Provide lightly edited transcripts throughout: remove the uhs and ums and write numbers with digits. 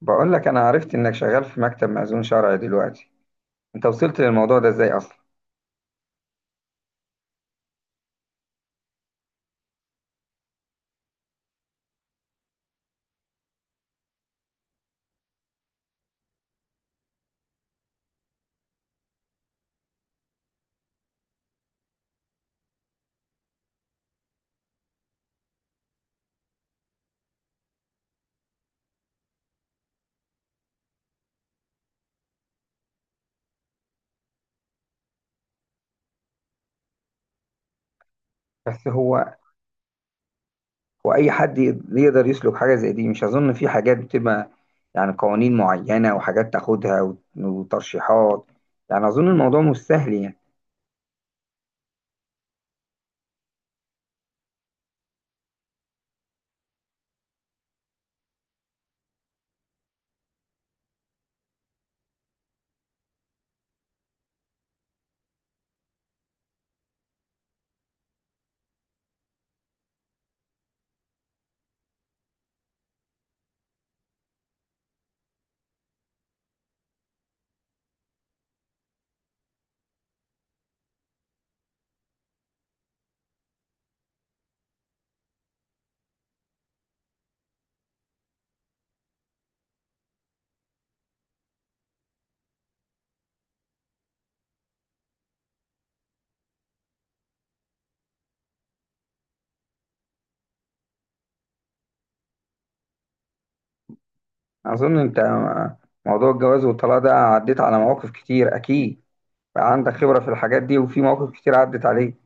بقول لك انا عرفت انك شغال في مكتب مأذون شرعي دلوقتي. انت وصلت للموضوع ده ازاي اصلا؟ بس هو اي حد يقدر يسلك حاجه زي دي. مش اظن في حاجات بتبقى، يعني قوانين معينه وحاجات تاخدها وترشيحات. يعني اظن الموضوع مش سهل يعني. اظن انت موضوع الجواز والطلاق ده عديت على مواقف كتير اكيد. بقى عندك خبره في الحاجات دي وفي مواقف كتير عدت عليك.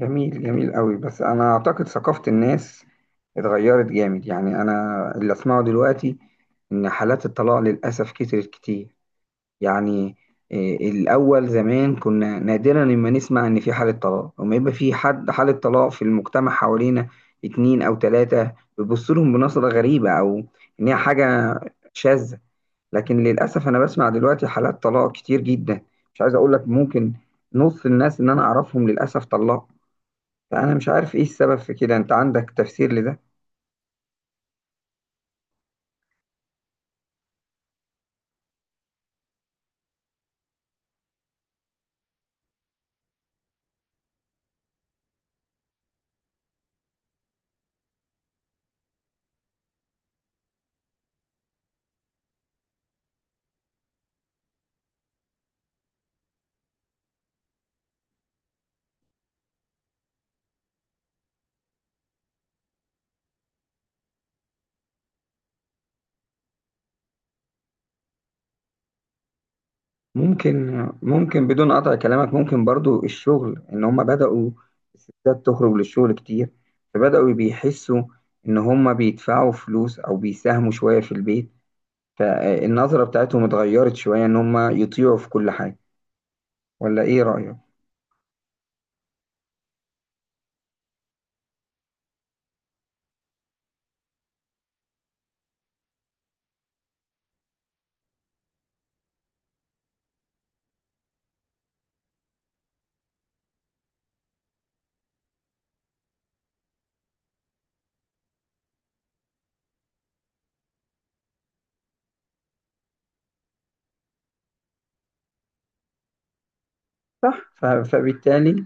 جميل جميل قوي. بس انا اعتقد ثقافة الناس اتغيرت جامد. يعني انا اللي اسمعه دلوقتي ان حالات الطلاق للاسف كترت كتير. يعني إيه، الاول زمان كنا نادرا لما نسمع ان في حالة طلاق. لما يبقى في حد حالة طلاق في المجتمع حوالينا اتنين او تلاتة بيبص لهم بنظرة غريبة، او ان هي حاجة شاذة. لكن للاسف انا بسمع دلوقتي حالات طلاق كتير جدا. مش عايز اقول لك ممكن نص الناس اللي انا اعرفهم للاسف طلاق. فأنا مش عارف إيه السبب في كده، أنت عندك تفسير لده؟ ممكن بدون قطع كلامك، ممكن برضو الشغل إن هما بدأوا الستات تخرج للشغل كتير، فبدأوا بيحسوا إن هما بيدفعوا فلوس أو بيساهموا شوية في البيت، فالنظرة بتاعتهم اتغيرت شوية إن هما يطيعوا في كل حاجة. ولا إيه رأيك؟ صح، فبالتالي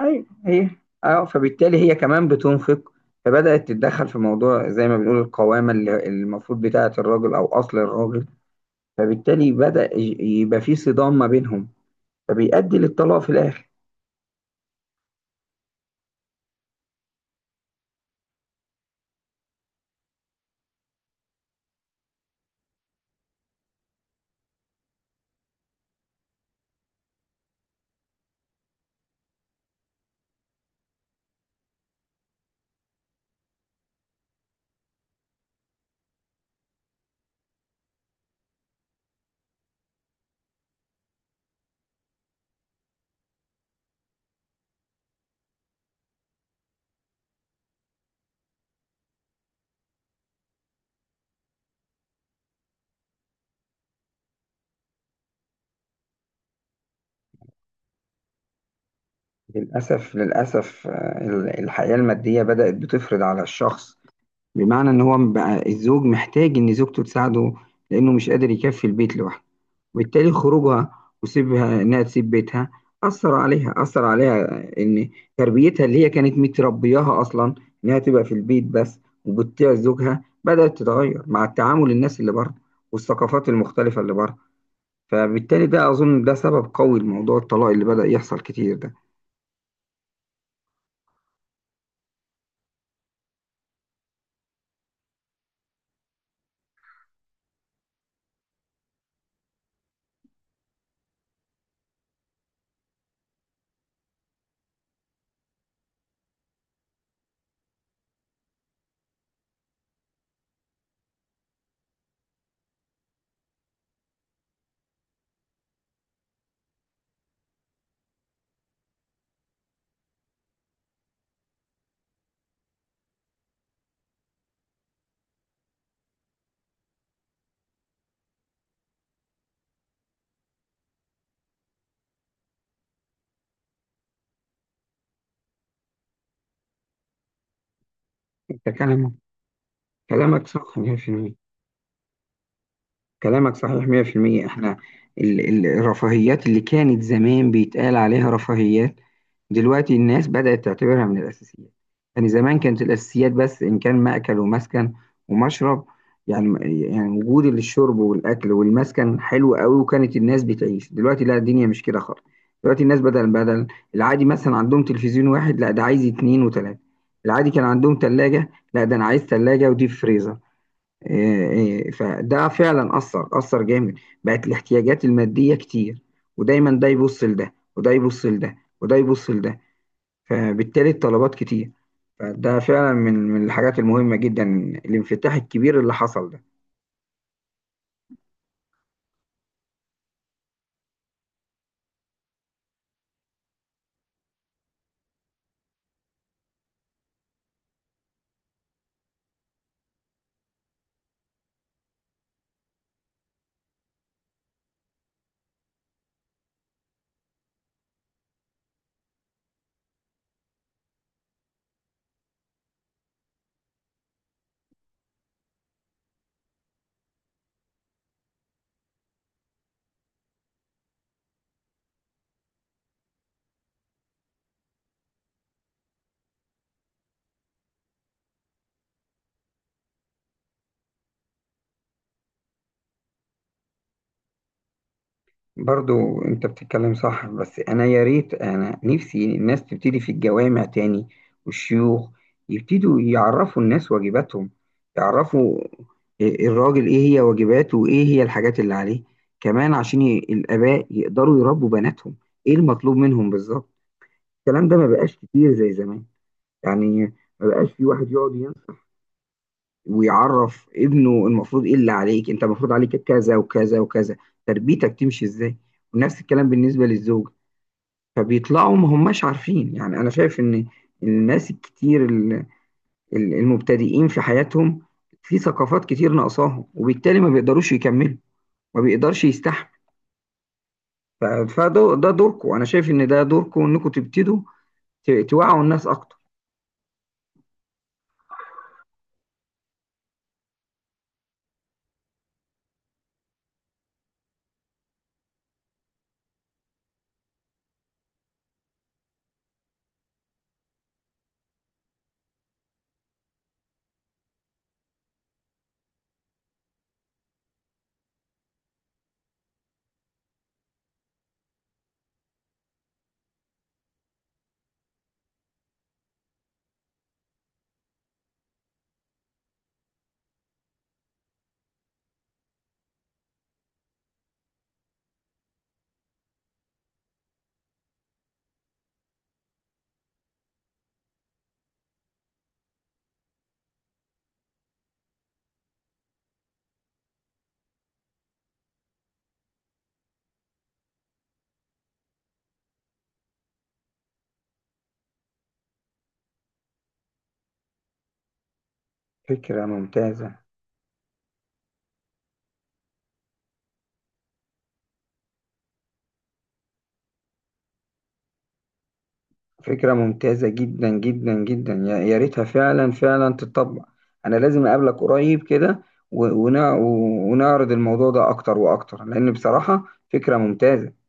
أيوه، هي. فبالتالي هي كمان بتنفق، فبدأت تتدخل في موضوع زي ما بنقول القوامة اللي المفروض بتاعة الراجل أو أصل الراجل. فبالتالي بدأ يبقى في صدام ما بينهم، فبيؤدي للطلاق في الآخر. للأسف، للأسف. الحياة المادية بدأت بتفرض على الشخص، بمعنى إن هو بقى الزوج محتاج إن زوجته تساعده لأنه مش قادر يكفي البيت لوحده. وبالتالي خروجها وسيبها إنها تسيب بيتها أثر عليها، أثر عليها إن تربيتها اللي هي كانت متربياها أصلا إنها تبقى في البيت بس وبتطيع زوجها بدأت تتغير مع التعامل الناس اللي بره والثقافات المختلفة اللي بره. فبالتالي ده أظن ده سبب قوي لموضوع الطلاق اللي بدأ يحصل كتير ده. أنت كلامك صح 100%. كلامك صحيح 100%. احنا الرفاهيات اللي كانت زمان بيتقال عليها رفاهيات، دلوقتي الناس بدأت تعتبرها من الأساسيات. يعني زمان كانت الأساسيات بس إن كان مأكل ومسكن ومشرب. يعني وجود الشرب والأكل والمسكن حلو قوي، وكانت الناس بتعيش. دلوقتي لا، الدنيا مش كده خالص. دلوقتي الناس، بدل العادي مثلا عندهم تلفزيون واحد، لا ده عايز اتنين وتلاتة. العادي كان عندهم تلاجة، لا ده أنا عايز تلاجة وديب فريزر. إيه، إيه. فده فعلا أثر جامد. بقت الاحتياجات المادية كتير، ودايما ده يبص لده وده يبص لده وده يبص لده، فبالتالي الطلبات كتير. فده فعلا من الحاجات المهمة جدا، الانفتاح الكبير اللي حصل ده. برضو انت بتتكلم صح. بس يا ريت انا نفسي الناس تبتدي في الجوامع تاني والشيوخ يبتدوا يعرفوا الناس واجباتهم. يعرفوا الراجل ايه هي واجباته وايه هي الحاجات اللي عليه، كمان عشان الاباء يقدروا يربوا بناتهم. ايه المطلوب منهم بالظبط؟ الكلام ده ما بقاش كتير زي زمان، يعني ما بقاش في واحد يقعد ينصح ويعرف ابنه المفروض، ايه اللي عليك انت المفروض عليك كذا وكذا وكذا، تربيتك تمشي ازاي. ونفس الكلام بالنسبة للزوج. فبيطلعوا ما هماش عارفين. يعني انا شايف ان الناس الكتير المبتدئين في حياتهم في ثقافات كتير ناقصاهم، وبالتالي ما بيقدروش يكملوا، ما بيقدرش يستحمل. فده دوركم، انا شايف ان ده دوركم انكم تبتدوا توعوا الناس اكتر. فكرة ممتازة. فكرة ممتازة جدا جدا جدا، يا ريتها فعلا فعلا تتطبق. انا لازم اقابلك قريب كده و- ونع- ونعرض الموضوع ده اكتر واكتر، لان بصراحة فكرة ممتازة.